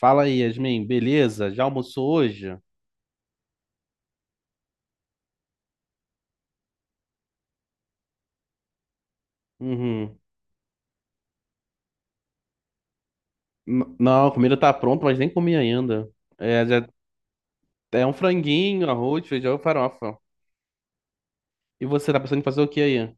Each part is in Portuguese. Fala aí, Yasmin, beleza? Já almoçou hoje? Uhum. Não, a comida tá pronta, mas nem comi ainda. É, já- é um franguinho, arroz, feijão e farofa. E você tá pensando em fazer o que aí?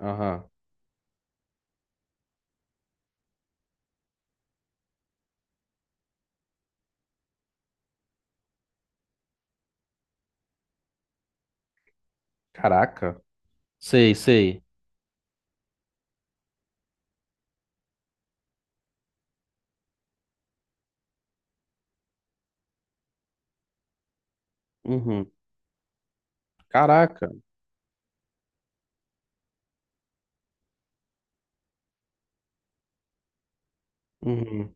Aham. Caraca. Sei, sei. Uhum. Caraca. Uhum.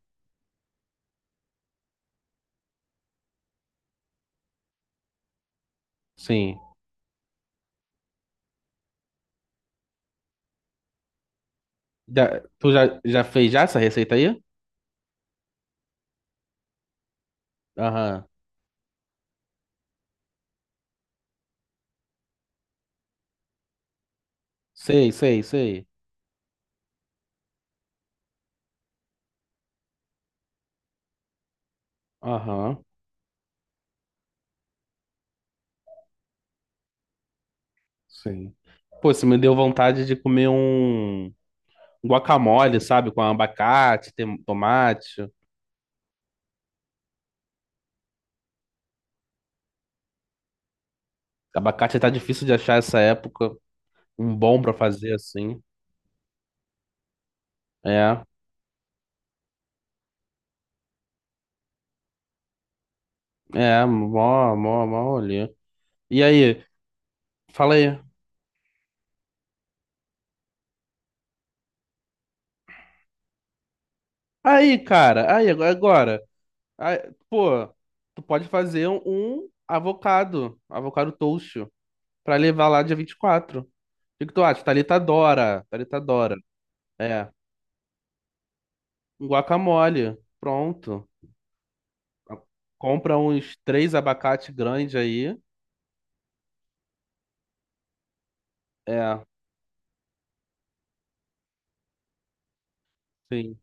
Sim. Tu já fez já essa receita aí? Aham. Sei, sei, sei. Aham. Sim. Pô, você me deu vontade de comer um guacamole, sabe? Com abacate, tomate. Abacate tá difícil de achar essa época. Um bom pra fazer assim. É, é, mó olhê. E aí? Fala aí. Aí, cara, aí, agora. Aí, pô, tu pode fazer um avocado. Avocado toast. Pra levar lá dia 24. O que que tu acha? Thalita adora. Thalita adora. É. Um guacamole. Pronto. Compra uns três abacate grande aí. É, sim.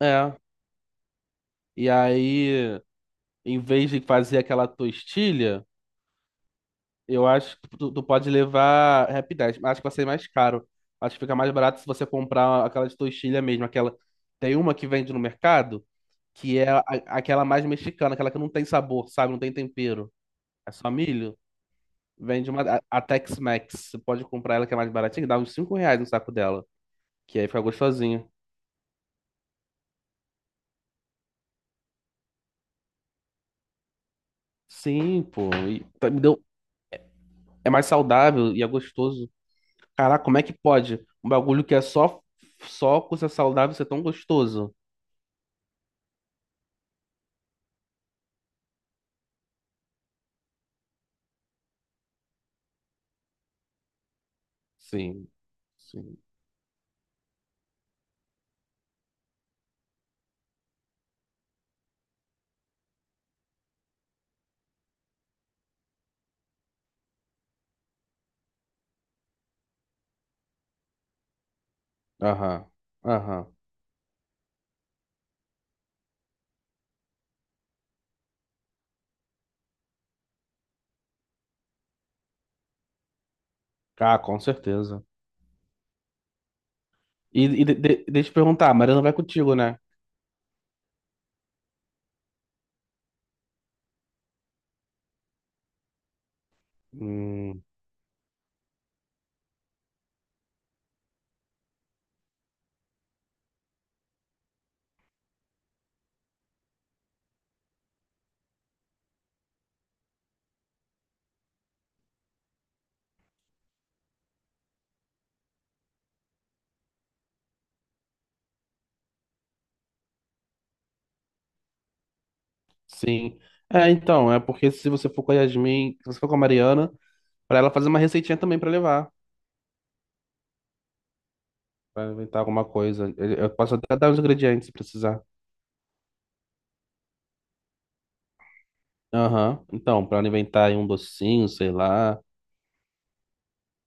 É. E aí, em vez de fazer aquela tostilha, eu acho que tu pode levar Happy 10. Acho que vai ser mais caro. Acho que fica mais barato se você comprar aquela de tostilha mesmo. Aquela... Tem uma que vende no mercado, que é aquela mais mexicana, aquela que não tem sabor, sabe? Não tem tempero. É só milho. Vende uma. A Tex-Mex. Você pode comprar ela que é mais baratinha, dá uns 5 reais no saco dela. Que aí fica gostosinho. Sim, pô. E me deu... É mais saudável e é gostoso. Caraca, como é que pode? Um bagulho que é só coisa saudável ser tão gostoso. Sim, sim. Aham. Aham. Ah, com certeza. E, deixa eu te perguntar, a Mariana vai contigo, né? Hum, sim. É, então, é porque se você for com a Yasmin, se você for com a Mariana, pra ela fazer uma receitinha também pra levar. Pra inventar alguma coisa. Eu posso até dar os ingredientes se precisar. Aham. Então, pra ela inventar aí um docinho, sei lá,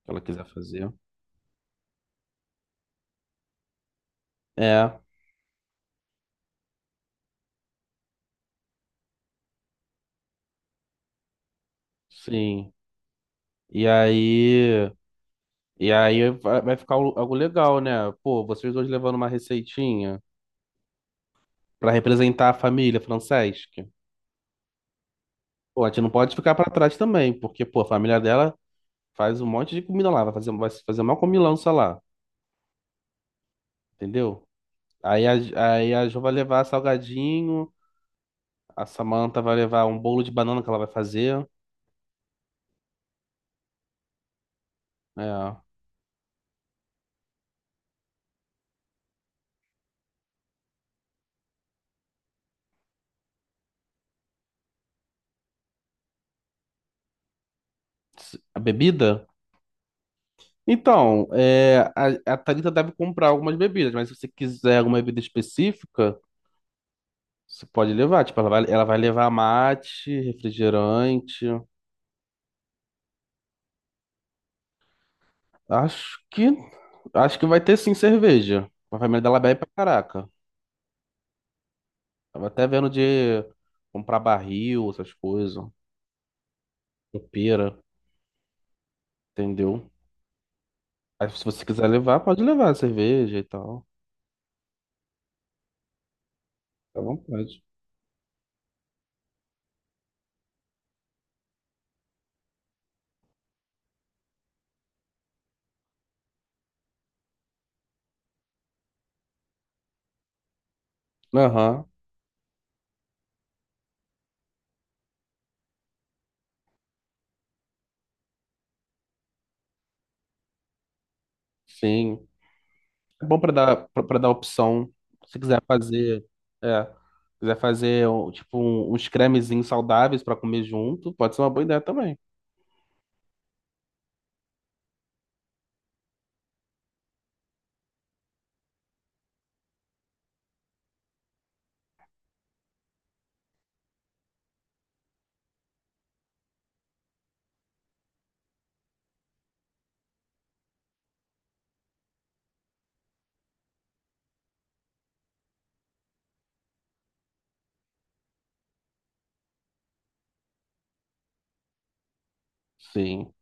que ela quiser fazer. É, sim. E aí. E aí vai ficar algo legal, né? Pô, vocês dois levando uma receitinha pra representar a família Franceschi. Pô, a gente não pode ficar pra trás também, porque, pô, a família dela faz um monte de comida lá, vai fazer uma comilança lá, entendeu? Aí a, aí a Jo vai levar salgadinho, a Samantha vai levar um bolo de banana que ela vai fazer. É, a bebida? Então, é, a Thalita deve comprar algumas bebidas, mas se você quiser alguma bebida específica, você pode levar. Tipo, ela vai levar mate, refrigerante. Acho que, acho que vai ter sim cerveja. A família dela bebe pra caraca. Tava até vendo de comprar barril, essas coisas, pera, entendeu? Aí, se você quiser levar, pode levar cerveja e tal. Fica à vontade. Aham. Sim. É bom para dar opção. Se quiser fazer, é, tipo uns cremezinhos saudáveis para comer junto, pode ser uma boa ideia também. Sim.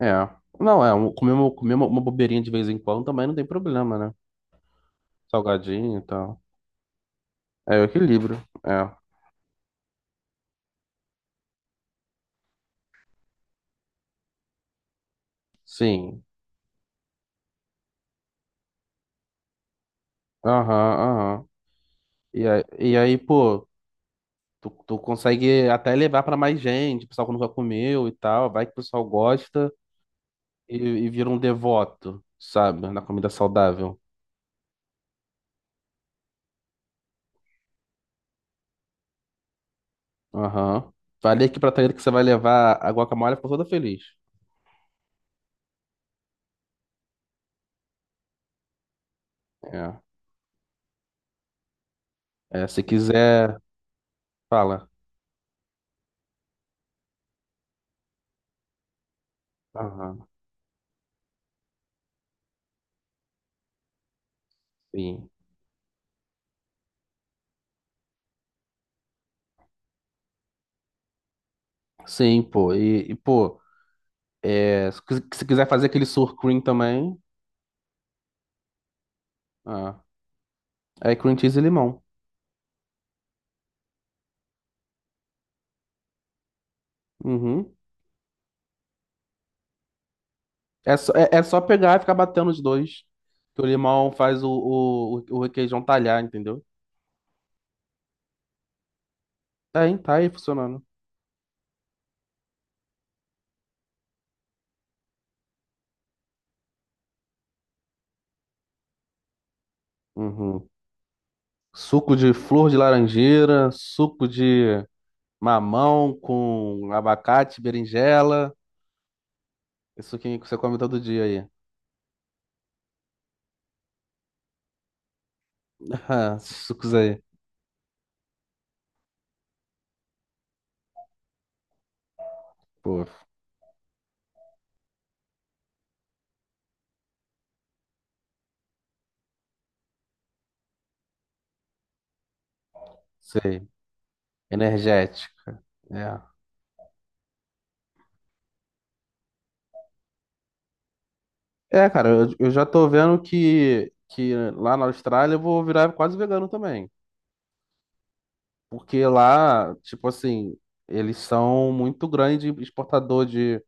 É. Não, comer uma bobeirinha de vez em quando também não tem problema, né? Salgadinho e tal. É o equilíbrio. É. Sim. Aham, aham. E aí, pô, tu consegue até levar para mais gente, o pessoal que nunca comeu e tal, vai que o pessoal gosta. E vira um devoto, sabe? Na comida saudável. Aham. Falei aqui pra Thaíra que você vai levar a guacamole, ficou toda feliz. É. É, se quiser, fala. Aham. Sim. Sim, pô. E, pô, se quiser fazer aquele sour cream também, ah, é cream cheese e limão. Uhum. É só pegar e ficar batendo os dois. Que o limão faz o requeijão talhar, entendeu? Tá aí funcionando. Uhum. Suco de flor de laranjeira, suco de mamão com abacate, berinjela. Isso que você come todo dia aí. Ah, esses sucos aí. Pô, sei. Energético. É, é cara, eu já tô vendo que lá na Austrália eu vou virar quase vegano também. Porque lá, tipo assim, eles são muito grande exportador de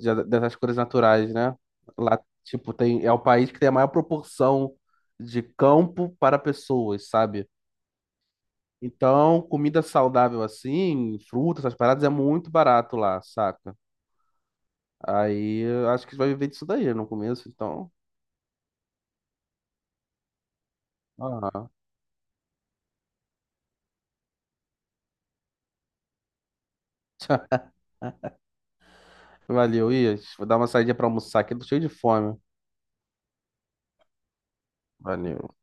já dessas cores naturais, né? Lá, tipo, tem, é o país que tem a maior proporção de campo para pessoas, sabe? Então, comida saudável assim, frutas, essas paradas é muito barato lá, saca? Aí, eu acho que vai viver disso daí no começo, então. Ah, valeu, Ias. Vou dar uma saída pra almoçar aqui, tô cheio de fome. Valeu.